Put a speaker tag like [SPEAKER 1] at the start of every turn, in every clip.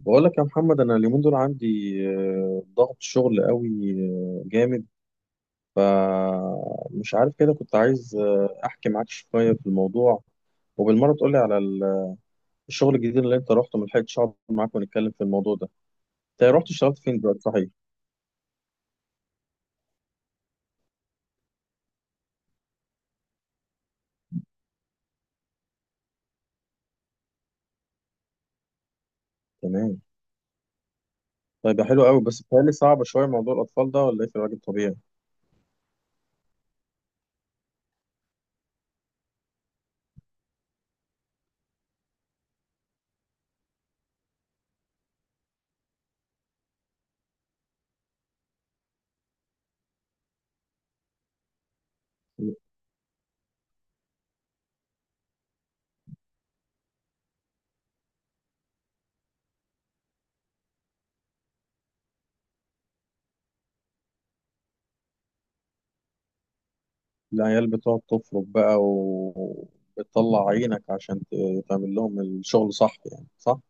[SPEAKER 1] بقول لك يا محمد، انا اليومين دول عندي ضغط شغل قوي، جامد. فمش عارف كده، كنت عايز احكي معاك شويه في الموضوع. وبالمره تقولي على الشغل الجديد اللي انت رحته. ما لحقتش اقعد معاك ونتكلم في الموضوع ده. انت رحت اشتغلت فين دلوقتي، صحيح؟ تمام. طيب يا حلو قوي، بس بيتهيألي صعب شويه موضوع الاطفال ده، ولا ايه؟ في الراجل طبيعي؟ العيال بتقعد تفرق بقى وبتطلع عينك عشان تعمل لهم الشغل، صح يعني؟ صح.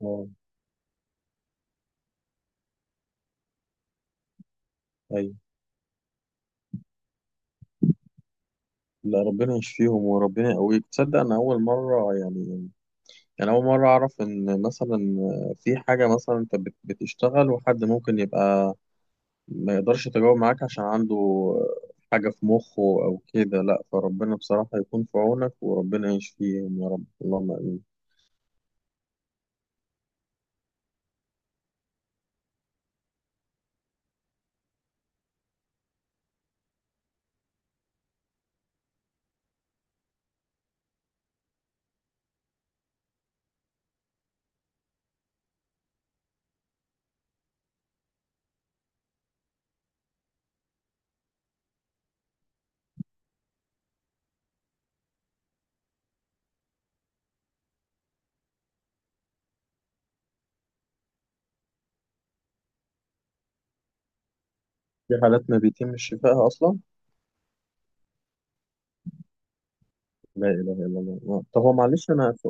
[SPEAKER 1] اه، ايوه. لا، ربنا يشفيهم وربنا يقويك. تصدق انا اول مره يعني، انا اول مره اعرف ان مثلا في حاجه، مثلا انت بتشتغل وحد ممكن يبقى ما يقدرش يتجاوب معاك عشان عنده حاجه في مخه او كده. لا، فربنا بصراحه يكون في عونك، وربنا يشفيهم يا رب، اللهم امين. في حالات ما بيتم شفائها اصلا؟ لا اله الا الله. طب هو معلش، انا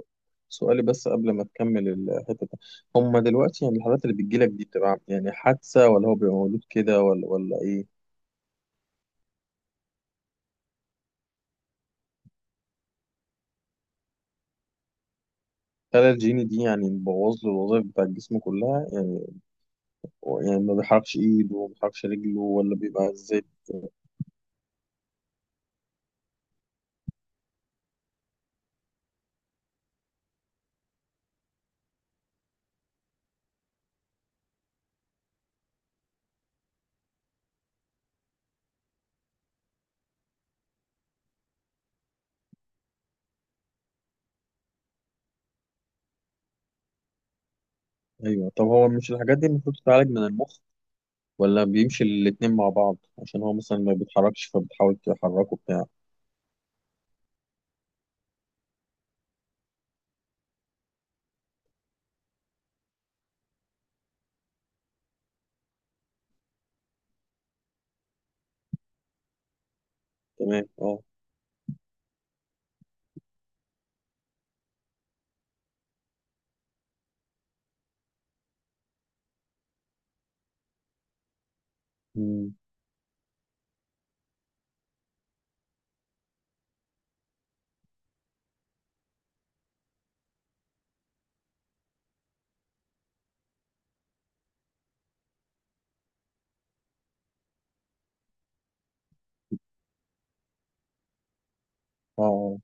[SPEAKER 1] سؤالي بس قبل ما تكمل الحته دي. هما دلوقتي يعني الحالات اللي بتجيلك دي بتبقى يعني حادثه، ولا هو بيبقى مولود كده، ولا ايه؟ خلايا الجيني دي يعني بتبوظ له الوظائف بتاع الجسم كلها يعني؟ هو يعني ما بيحركش ايده وما بيحركش رجله، ولا بيبقى ازاي؟ ايوه. طب هو مش الحاجات دي المفروض تتعالج من المخ؟ ولا بيمشي الاتنين مع بعض، عشان هو مثلا ما بيتحركش فبتحاول تحركه بتاع. تمام. اه. مم. اه. آه.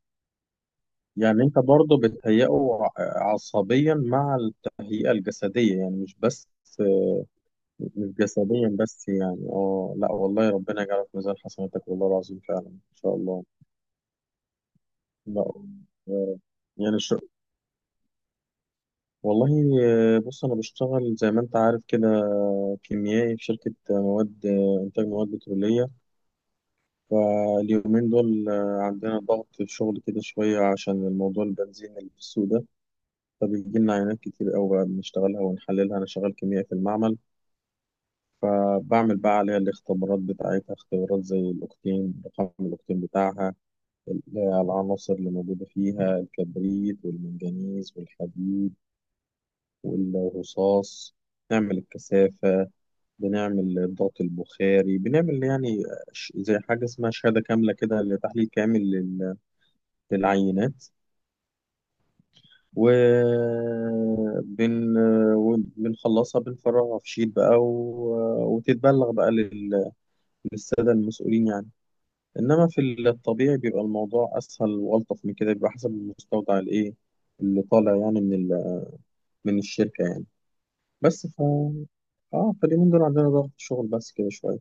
[SPEAKER 1] يعني انت برضه بتهيئه ع- عصبيا مع التهيئة الجسدية يعني، مش بس. مش جسديا بس يعني. اه. لا والله، ربنا يجعلك في ميزان حسناتك والله العظيم، فعلا ان شاء الله. لا. آه، يعني شو، والله. بص، أنا بشتغل زي ما أنت عارف كده كيميائي في شركة مواد إنتاج مواد بترولية. فاليومين دول عندنا ضغط في الشغل كده شوية عشان الموضوع البنزين اللي في السوق ده. فبيجي لنا عينات كتير أوي بقى بنشتغلها ونحللها. أنا شغال كيميائي في المعمل، فبعمل بقى عليها الاختبارات بتاعتها، اختبارات زي الأوكتين، رقم الأوكتين بتاعها، العناصر اللي موجودة فيها، الكبريت والمنجنيز والحديد والرصاص. بنعمل الكثافة، بنعمل الضغط البخاري، بنعمل يعني زي حاجة اسمها شهادة كاملة كده لتحليل كامل للعينات. وبن بنخلصها، بنفرغها في شيت بقى وتتبلغ بقى للسادة المسؤولين يعني. إنما في الطبيعي بيبقى الموضوع أسهل وألطف من كده، بيبقى حسب المستودع الإيه اللي طالع يعني من الشركة يعني. بس، اه، فاليومين دول عندنا ضغط شغل بس كده شوية.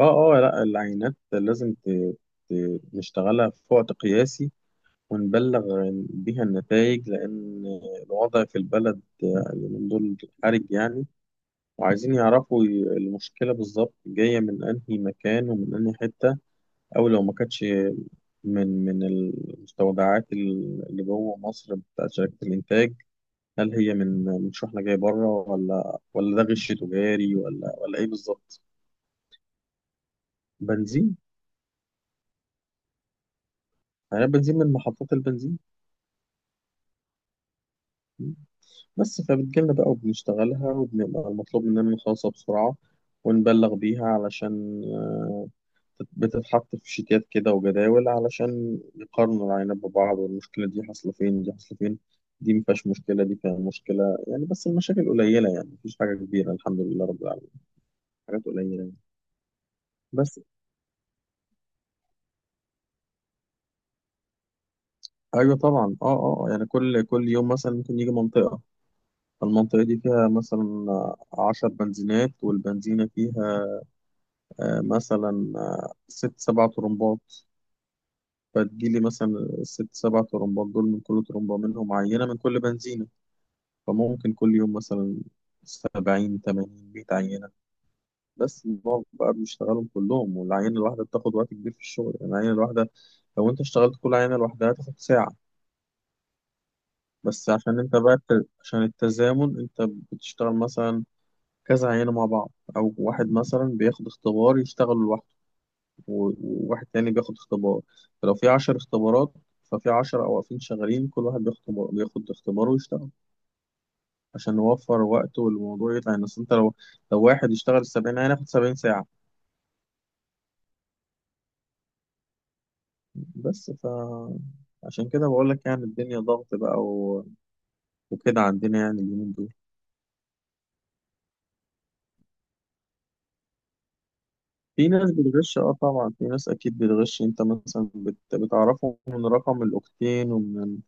[SPEAKER 1] اه، اه. لا، العينات لازم ت... نشتغلها في وقت قياسي ونبلغ بيها النتائج، لأن الوضع في البلد اليومين دول حرج يعني. وعايزين يعرفوا المشكلة بالظبط جاية من أنهي مكان ومن أنهي حتة، أو لو ما كانتش من المستودعات اللي جوه مصر بتاعت شركة الإنتاج. هل هي من شحنة جاية بره، ولا ده غش تجاري، ولا ايه بالظبط؟ بنزين. يعني بنزين من محطات البنزين. بس فبتجيلنا بقى وبنشتغلها، وبنبقى المطلوب مننا نخلصها بسرعة ونبلغ بيها، علشان بتتحط في شيتات كده وجداول علشان يقارنوا العينات ببعض، والمشكلة دي حاصلة فين، دي حاصلة فين، دي مفيهاش مشكلة، دي فيها مشكلة يعني. بس المشاكل قليلة يعني، مفيش حاجة كبيرة الحمد لله رب العالمين، حاجات قليلة يعني. بس. ايوه طبعا. اه، اه، آه. يعني كل يوم مثلا ممكن يجي منطقه، المنطقه دي فيها مثلا عشر بنزينات، والبنزينه فيها مثلا ست سبع طرمبات. فتجيلي مثلا الست سبع طرمبات دول، من كل طرمبة منهم عينة، من كل بنزينة. فممكن كل يوم مثلا سبعين، تمانين، مية عينة. بس بنقعد بقى بنشتغلهم كلهم، والعينة الواحدة بتاخد وقت كبير في الشغل يعني. العينة الواحدة لو انت اشتغلت كل عينة لوحدها هتاخد ساعة. بس عشان انت بقى عشان التزامن، انت بتشتغل مثلا كذا عينة مع بعض، او واحد مثلا بياخد اختبار يشتغل لوحده وواحد تاني بياخد اختبار. فلو في عشر اختبارات، ففي عشرة واقفين شغالين كل واحد بياخد اختبار ويشتغل، عشان نوفر وقت والموضوع يطلع يعني. اصل انت لو واحد يشتغل السبعين عينة ياخد سبعين ساعة. بس. عشان كده بقول لك يعني الدنيا ضغط بقى وكده عندنا يعني اليومين دول. في ناس بتغش. اه طبعا، في ناس اكيد بتغش. انت مثلا بتعرفه من رقم الاوكتين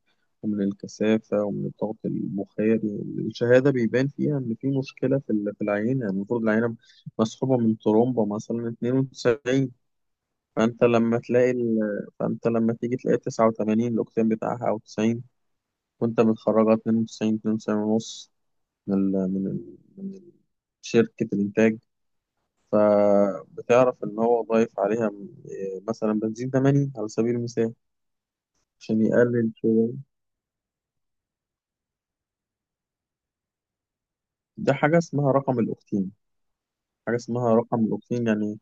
[SPEAKER 1] ومن الكثافة ومن الضغط البخاري. الشهادة بيبان فيها إن في مشكلة في العينة. المفروض العينة مسحوبة من ترومبة مثلا 92. فأنت لما تلاقي ال... فأنت لما تيجي تلاقي 89 الأوكتين بتاعها، أو 90، وأنت بتخرجها 92، 92 ونص، من ال... من ال... من ال- شركة الإنتاج. فبتعرف إن هو ضايف عليها إيه، مثلا بنزين 80 على سبيل المثال، عشان يقلل شوية. ده حاجة اسمها رقم الأوكتين، حاجة اسمها رقم الأوكتين يعني،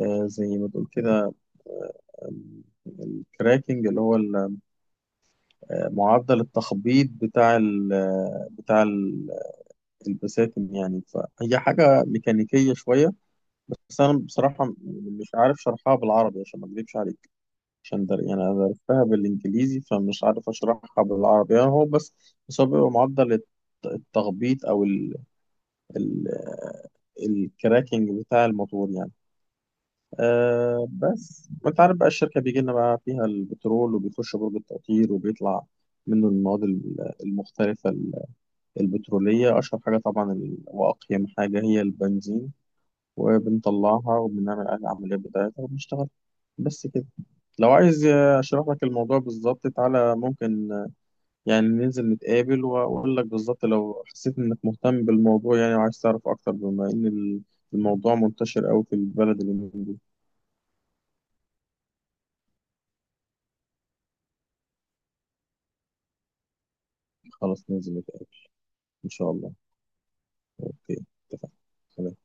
[SPEAKER 1] زي ما تقول كده الكراكنج، اللي هو معدل التخبيط بتاع ال آه، بتاع ال- البساتم يعني، فهي حاجة ميكانيكية شوية. بس أنا بصراحة مش عارف شرحها بالعربي عشان ما أكذبش عليك، عشان ده يعني انا عرفتها بالانجليزي فمش عارف اشرحها بالعربي يعني. هو بس بس هو بيبقى معدل التخبيط، او ال الكراكنج بتاع الموتور يعني. أه، بس وانت عارف بقى الشركه بيجي لنا بقى فيها البترول، وبيخش برج التقطير وبيطلع منه المواد المختلفه البتروليه. اشهر حاجه طبعا واقيم حاجه هي البنزين، وبنطلعها وبنعمل عليها العمليات بتاعتها وبنشتغل. بس كده. لو عايز اشرح لك الموضوع بالظبط تعالى، ممكن يعني ننزل نتقابل واقول لك بالظبط، لو حسيت انك مهتم بالموضوع يعني وعايز تعرف اكتر، بما ان الموضوع منتشر قوي في البلد اللي من دول. خلاص، ننزل نتقابل ان شاء الله. اوكي، اتفقنا.